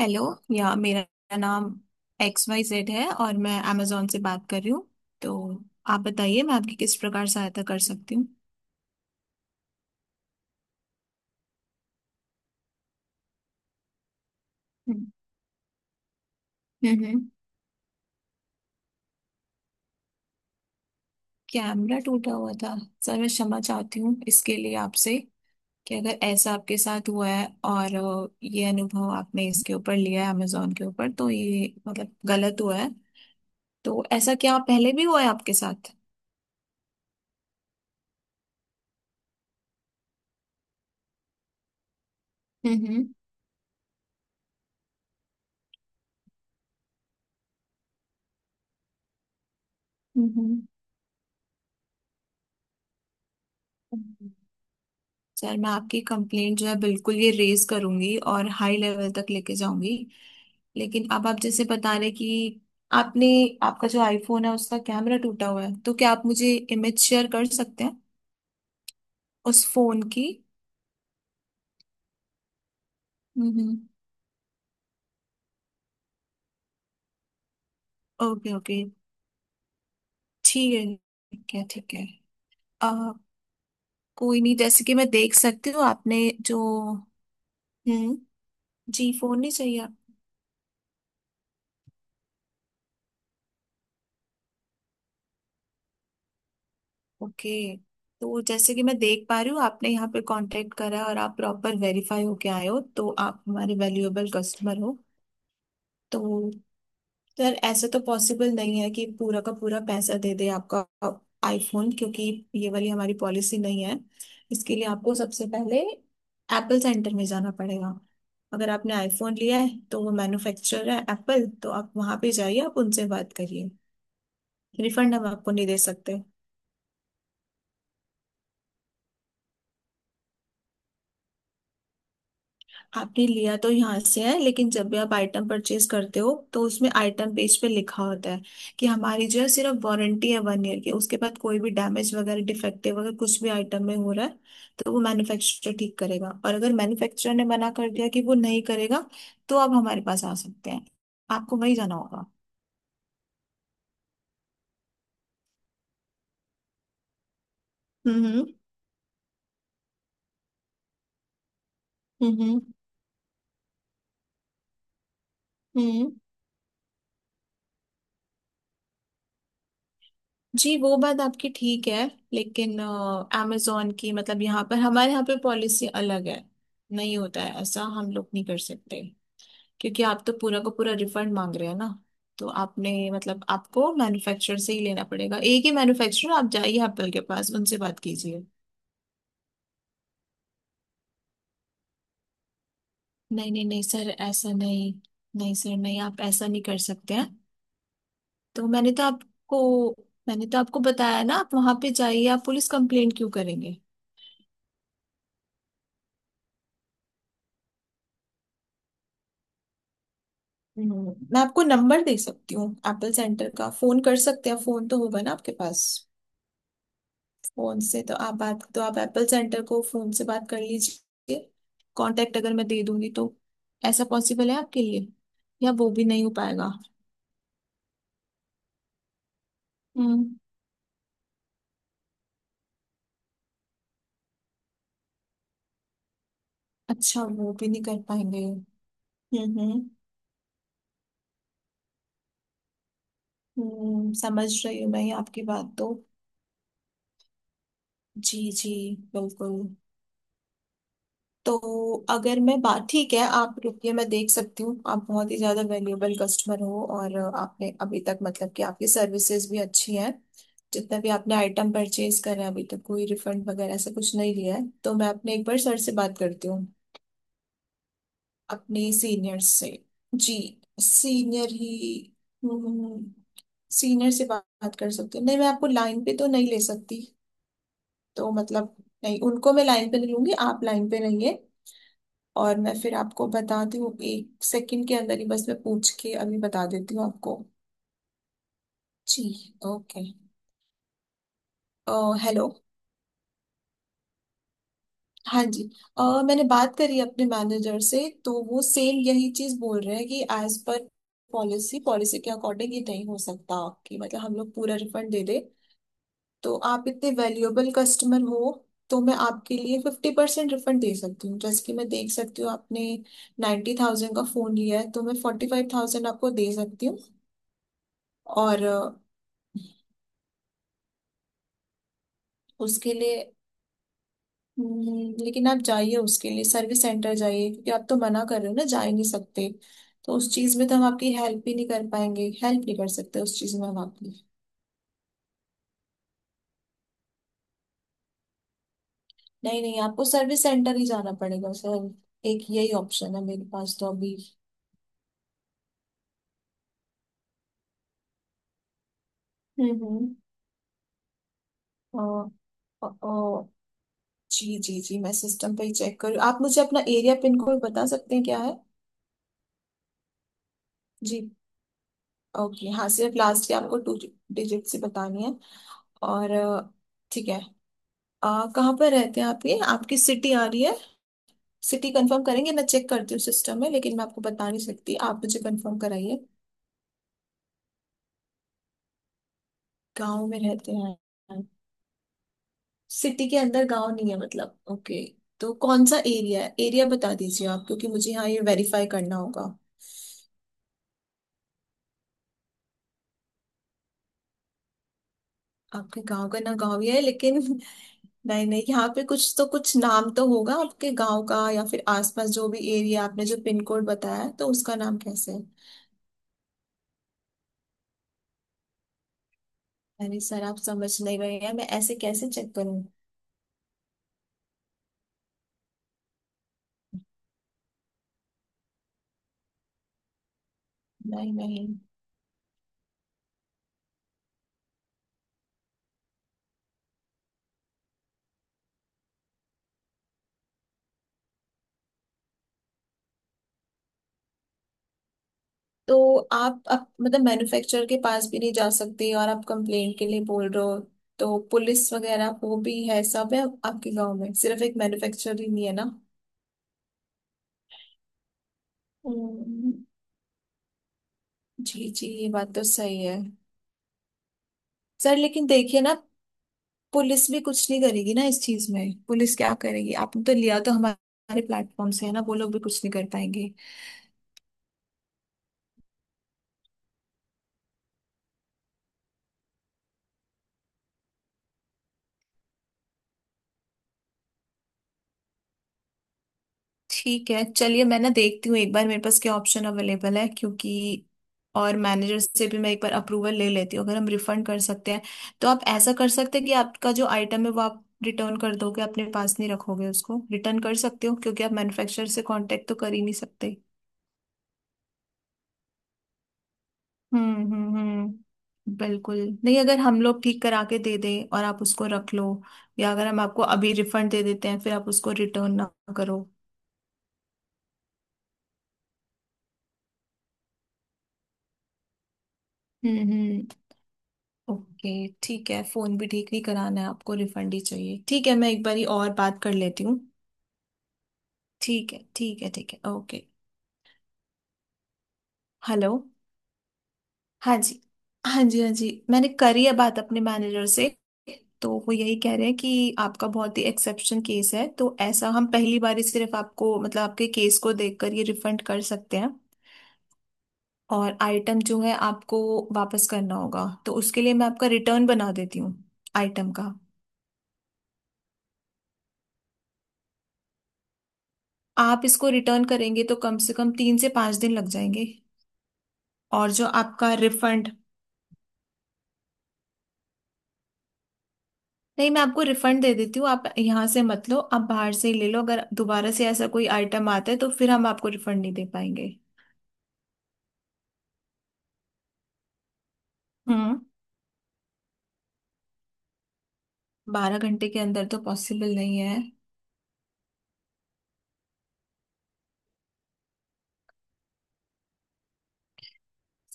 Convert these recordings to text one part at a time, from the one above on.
Hello. या मेरा नाम एक्स वाई जेड है और मैं amazon से बात कर रही हूँ। तो आप बताइए मैं आपकी किस प्रकार सहायता कर सकती हूँ। हम्म। हम्म। कैमरा टूटा हुआ था। सर मैं क्षमा चाहती हूँ इसके लिए आपसे कि अगर ऐसा आपके साथ हुआ है और ये अनुभव आपने इसके ऊपर लिया है amazon के ऊपर तो ये मतलब गलत हुआ है। तो ऐसा क्या पहले भी हुआ है आपके साथ। हम्म। हम्म। हम्म। सर मैं आपकी कंप्लेंट जो है बिल्कुल ये रेज करूंगी और हाई लेवल तक लेके जाऊंगी। लेकिन अब आप जैसे बता रहे कि आपने आपका जो आईफोन है उसका कैमरा टूटा हुआ है तो क्या आप मुझे इमेज शेयर कर सकते हैं उस फोन की। हम्म। Okay okay. ठीक है। ठीक है ठीक है। आ, कोई नहीं जैसे कि मैं देख सकती हूँ आपने जो। हम्म। जी फोन नहीं चाहिए। ओके। तो जैसे कि मैं देख पा रही हूँ आपने यहाँ पे कांटेक्ट करा और आप प्रॉपर वेरीफाई होके आए हो तो आप हमारे वैल्यूएबल कस्टमर हो। तो सर ऐसे तो पॉसिबल नहीं है कि पूरा का पूरा पैसा दे दे आपका आईफोन क्योंकि ये वाली हमारी पॉलिसी नहीं है। इसके लिए आपको सबसे पहले एप्पल सेंटर में जाना पड़ेगा। अगर आपने आईफोन लिया है तो वो मैन्युफैक्चरर है एप्पल तो आप वहाँ पे जाइए आप उनसे बात करिए। रिफंड हम आपको नहीं दे सकते। आपने लिया तो यहाँ से है लेकिन जब भी आप आइटम परचेज करते हो तो उसमें आइटम पेज पे लिखा होता है कि हमारी जो है सिर्फ वारंटी है 1 ईयर की। उसके बाद कोई भी डैमेज वगैरह डिफेक्टिव अगर कुछ भी आइटम में हो रहा है तो वो मैन्युफैक्चरर ठीक करेगा और अगर मैन्युफैक्चरर ने मना कर दिया कि वो नहीं करेगा तो आप हमारे पास आ सकते हैं। आपको वही जाना होगा। हम्म। हम्म। हम्म। हम्म। जी वो बात आपकी ठीक है लेकिन अमेजोन की मतलब यहाँ पर हमारे यहाँ पे पॉलिसी अलग है। नहीं होता है ऐसा हम लोग नहीं कर सकते क्योंकि आप तो पूरा का पूरा रिफंड मांग रहे हैं ना। तो आपने मतलब आपको मैन्युफैक्चरर से ही लेना पड़ेगा एक ही मैन्युफैक्चरर आप जाइए एप्पल के पास उनसे बात कीजिए। नहीं नहीं नहीं सर ऐसा नहीं। नहीं सर नहीं आप ऐसा नहीं कर सकते हैं। तो मैंने तो आपको बताया ना आप वहां पे जाइए आप पुलिस कंप्लेंट क्यों करेंगे। हम्म। मैं आपको नंबर दे सकती हूँ एप्पल सेंटर का फोन कर सकते हैं फोन तो होगा ना आपके पास। फोन से तो आप बात तो आप एप्पल सेंटर को फोन से बात कर लीजिए। कांटेक्ट अगर मैं दे दूंगी तो ऐसा पॉसिबल है आपके लिए या वो भी नहीं हो पाएगा। हम्म। अच्छा वो भी नहीं कर पाएंगे। हम्म हम्म हम्म। समझ रही हूँ मैं आपकी बात तो। जी जी। बिल्कुल। तो अगर मैं बात ठीक है आप रुकिए मैं देख सकती हूँ आप बहुत ही ज्यादा वैल्यूएबल कस्टमर हो और आपने अभी तक मतलब कि आपकी सर्विसेज भी अच्छी हैं। जितना भी आपने आइटम परचेज करा है अभी तक कोई रिफंड वगैरह ऐसा कुछ नहीं लिया है तो मैं अपने एक बार सर से बात करती हूँ। अपने सीनियर से। जी। सीनियर ही। हम्म। सीनियर से बात कर सकती हूँ नहीं मैं आपको लाइन पे तो नहीं ले सकती। तो मतलब नहीं उनको मैं लाइन पे नहीं लूंगी आप लाइन पे रहिए। और मैं फिर आपको बताती हूँ एक सेकंड के अंदर ही बस मैं पूछ के अभी बता देती हूँ आपको। जी। ओके। हेलो। हाँ जी। मैंने बात करी अपने मैनेजर से तो वो सेम यही चीज बोल रहे हैं कि एज पर पॉलिसी पॉलिसी के अकॉर्डिंग ये नहीं हो सकता कि मतलब हम लोग पूरा रिफंड दे दे। तो आप इतने वैल्यूएबल कस्टमर हो तो मैं आपके लिए 50% रिफंड दे सकती हूँ जैसे कि मैं देख सकती हूँ आपने 90,000 थाउजेंड का फोन लिया है तो मैं 45,000 आपको दे सकती हूँ। और उसके लिए लेकिन आप जाइए उसके लिए सर्विस सेंटर जाइए क्योंकि आप तो मना कर रहे हो ना जा ही नहीं सकते। तो उस चीज में तो हम आपकी हेल्प ही नहीं कर पाएंगे हेल्प नहीं कर सकते उस चीज में हम आपकी। नहीं नहीं आपको सर्विस सेंटर ही जाना पड़ेगा सर। एक यही ऑप्शन है मेरे पास तो अभी। हम्म। अ, अ, अ, जी जी जी मैं सिस्टम पे ही चेक करूँ आप मुझे अपना एरिया पिन कोड बता सकते हैं क्या है। जी। ओके हाँ सिर्फ लास्ट के आपको टू डिजिट से बतानी है। और ठीक है। कहाँ पर रहते हैं आप ये आपकी सिटी आ रही है। सिटी कंफर्म करेंगे मैं चेक करती हूँ सिस्टम में लेकिन मैं आपको बता नहीं सकती आप मुझे कंफर्म कराइए। गांव में रहते हैं सिटी के अंदर गांव नहीं है मतलब ओके। तो कौन सा एरिया है एरिया बता दीजिए आप क्योंकि मुझे यहाँ ये वेरीफाई करना होगा। आपके गांव का ना गांव ही है लेकिन नहीं नहीं यहाँ पे कुछ तो कुछ नाम तो होगा आपके गांव का या फिर आसपास जो भी एरिया आपने जो पिन कोड बताया है, तो उसका नाम कैसे है। अरे सर आप समझ नहीं रहे हैं मैं ऐसे कैसे चेक करूँ। नहीं नहीं। तो आप अब मतलब मैन्युफैक्चरर के पास भी नहीं जा सकते और आप कंप्लेंट के लिए बोल रहे हो तो पुलिस वगैरह वो भी है सब है आपके गांव में सिर्फ एक मैन्युफैक्चरर ही नहीं है ना। हम्म। जी जी ये बात तो सही है। सर लेकिन देखिए ना पुलिस भी कुछ नहीं करेगी ना इस चीज में पुलिस क्या करेगी आपने तो लिया तो हमारे प्लेटफॉर्म से है ना वो लोग भी कुछ नहीं कर पाएंगे। ठीक है चलिए मैं ना देखती हूँ एक बार मेरे पास क्या ऑप्शन अवेलेबल है क्योंकि और मैनेजर से भी मैं एक बार अप्रूवल ले लेती हूँ अगर हम रिफंड कर सकते हैं। तो आप ऐसा कर सकते हैं कि आपका जो आइटम है वो आप रिटर्न कर दोगे अपने पास नहीं रखोगे उसको रिटर्न कर सकते हो क्योंकि आप मैन्युफैक्चरर से कांटेक्ट तो कर ही नहीं सकते। हम्म। बिल्कुल। नहीं अगर हम लोग ठीक करा के दे दें और आप उसको रख लो या अगर हम आपको अभी रिफंड दे देते हैं फिर आप उसको रिटर्न ना करो। हम्म। ओके। ठीक है फोन भी ठीक नहीं कराना है आपको रिफंड ही चाहिए ठीक है मैं एक बारी और बात कर लेती हूँ। ठीक है ठीक है ठीक है ओके। हेलो। हाँ जी। हाँ जी हाँ जी मैंने करी है बात अपने मैनेजर से तो वो यही कह रहे हैं कि आपका बहुत ही एक्सेप्शन केस है तो ऐसा हम पहली बार ही सिर्फ आपको मतलब आपके केस को देखकर ये रिफंड कर सकते हैं। और आइटम जो है आपको वापस करना होगा तो उसके लिए मैं आपका रिटर्न बना देती हूँ आइटम का। आप इसको रिटर्न करेंगे तो कम से कम 3 से 5 दिन लग जाएंगे। और जो आपका रिफंड नहीं मैं आपको रिफंड दे देती हूँ आप यहाँ से मत लो आप बाहर से ही ले लो अगर दोबारा से ऐसा कोई आइटम आता है तो फिर हम आपको रिफंड नहीं दे पाएंगे। हम्म। 12 घंटे के अंदर तो पॉसिबल नहीं है।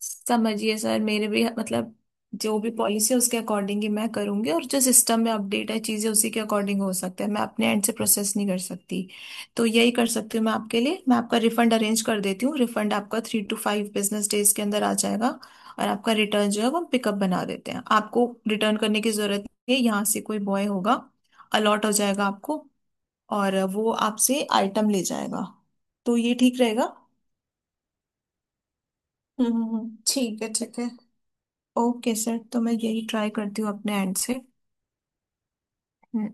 समझिए सर मेरे भी मतलब जो भी पॉलिसी है उसके अकॉर्डिंग ही मैं करूंगी और जो सिस्टम में अपडेट है चीजें उसी के अकॉर्डिंग हो सकता है मैं अपने एंड से प्रोसेस नहीं कर सकती। तो यही कर सकती हूँ मैं आपके लिए मैं आपका रिफंड अरेंज कर देती हूँ रिफंड आपका 3-5 बिजनेस डेज के अंदर आ जाएगा। और आपका रिटर्न जो है वो हम पिकअप बना देते हैं आपको रिटर्न करने की जरूरत नहीं है यहाँ से कोई बॉय होगा अलॉट हो जाएगा आपको और वो आपसे आइटम ले जाएगा। तो ये ठीक रहेगा। हम्म। हम्म। ठीक है ठीक है। ओके सर तो मैं यही ट्राई करती हूँ अपने एंड से। हम्म।